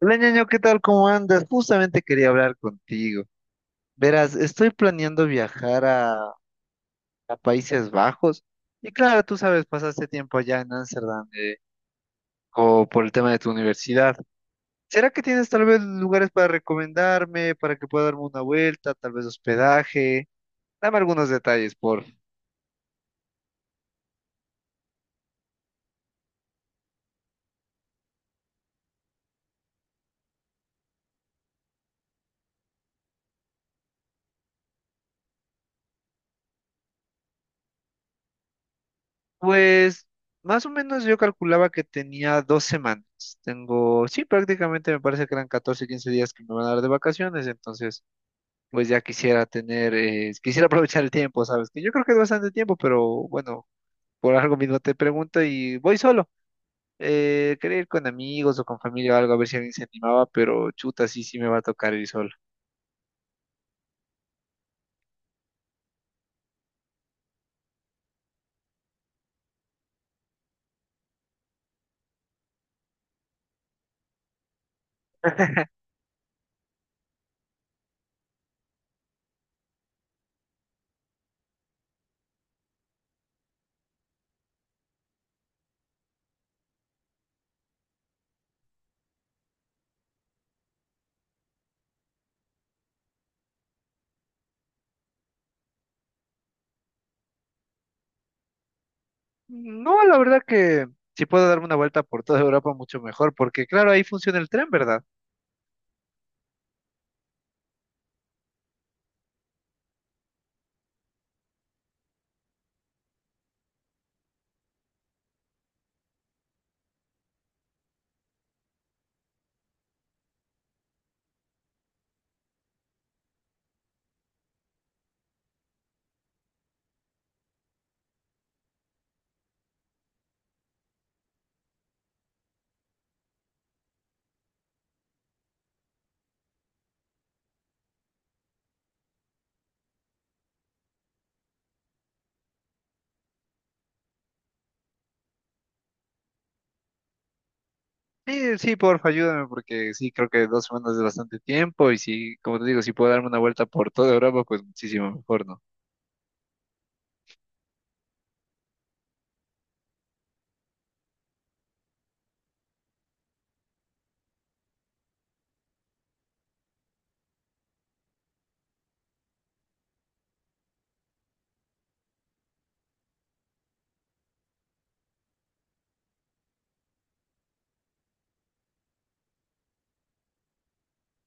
Hola, ñaño, ¿qué tal? ¿Cómo andas? Justamente quería hablar contigo. Verás, estoy planeando viajar a Países Bajos. Y claro, tú sabes, pasaste tiempo allá en Ámsterdam, por el tema de tu universidad. ¿Será que tienes tal vez lugares para recomendarme, para que pueda darme una vuelta, tal vez hospedaje? Dame algunos detalles, por favor. Pues, más o menos yo calculaba que tenía 2 semanas. Tengo, sí, prácticamente me parece que eran 14, 15 días que me van a dar de vacaciones, entonces pues ya quisiera tener, quisiera aprovechar el tiempo, ¿sabes? Que yo creo que es bastante tiempo, pero bueno, por algo mismo te pregunto y voy solo. Quería ir con amigos o con familia o algo, a ver si alguien se animaba, pero chuta, sí, sí me va a tocar ir solo. No, la verdad que si puedo darme una vuelta por toda Europa, mucho mejor, porque claro, ahí funciona el tren, ¿verdad? Sí, sí, porfa, ayúdame, porque sí, creo que 2 semanas es bastante tiempo y sí, como te digo, si puedo darme una vuelta por toda Europa, pues muchísimo mejor, ¿no?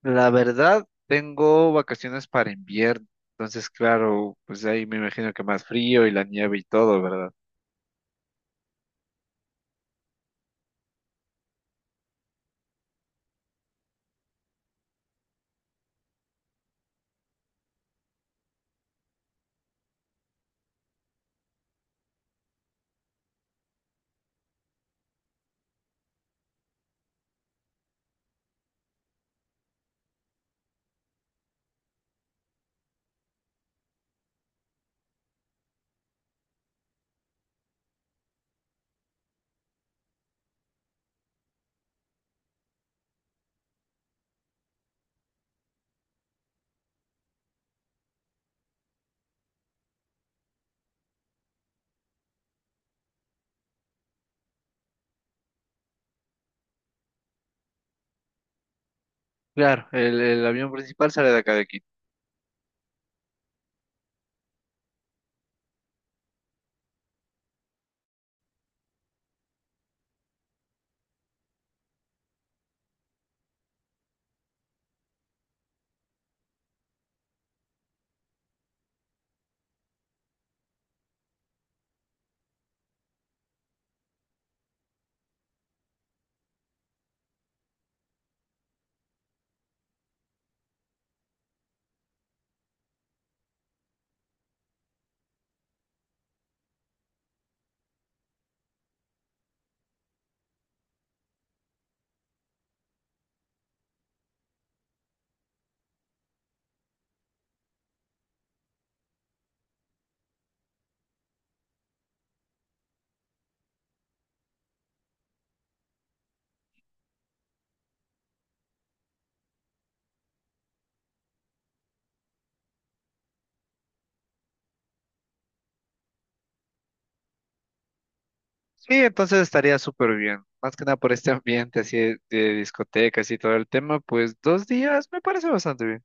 La verdad, tengo vacaciones para invierno, entonces claro, pues ahí me imagino que más frío y la nieve y todo, ¿verdad? Claro, el avión principal sale de acá de Quito. Sí, entonces estaría súper bien, más que nada por este ambiente así de discotecas y todo el tema, pues 2 días me parece bastante bien.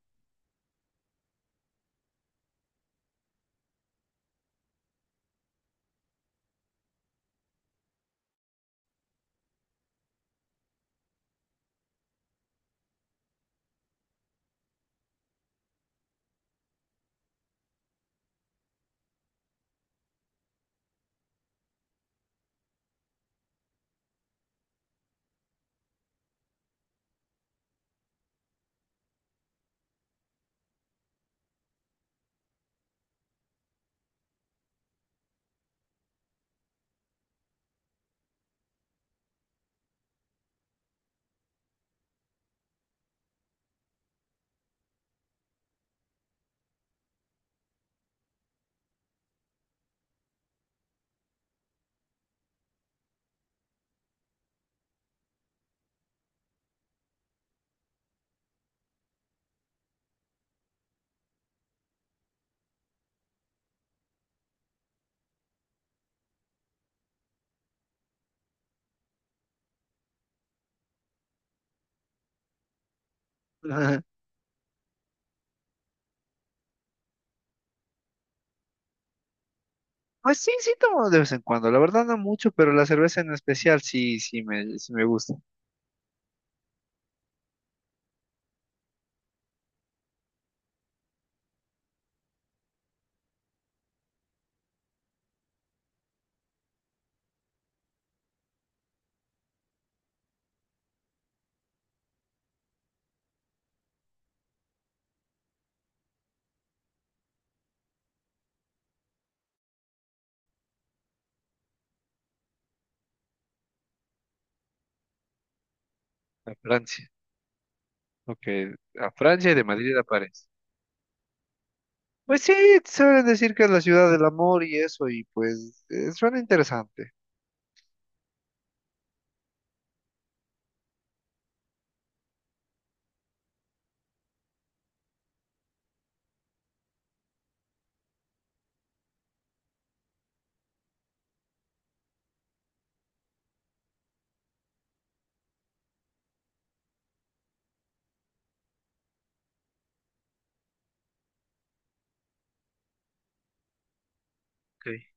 Ajá. Pues sí, sí tomo de vez en cuando, la verdad no mucho, pero la cerveza en especial sí, sí me gusta. A Francia, ok, a Francia y de Madrid a París. Pues sí, suelen decir que es la ciudad del amor y eso, y pues suena interesante. Ok.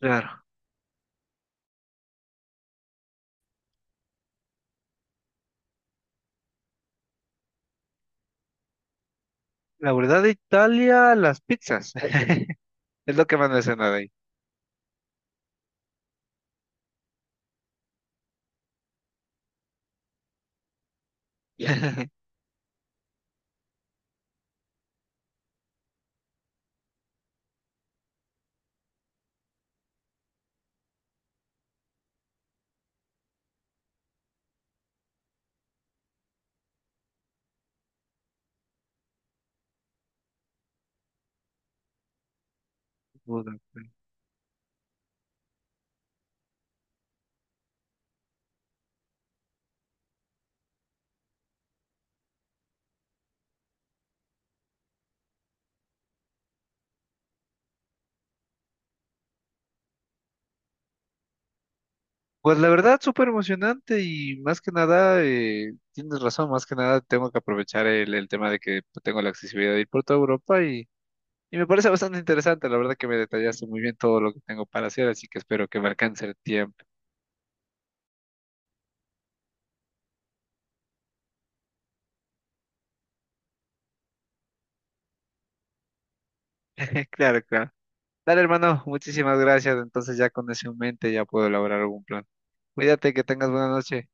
Claro. La verdad de Italia, las pizzas. Es lo que más me suena de ahí. Puta, sí. Pues la verdad, súper emocionante y más que nada, tienes razón, más que nada tengo que aprovechar el tema de que pues, tengo la accesibilidad de ir por toda Europa y me parece bastante interesante, la verdad que me detallaste muy bien todo lo que tengo para hacer, así que espero que me alcance el tiempo. Claro, claro. Dale, hermano, muchísimas gracias. Entonces ya con eso en mente ya puedo elaborar algún plan. Cuídate, que tengas buena noche.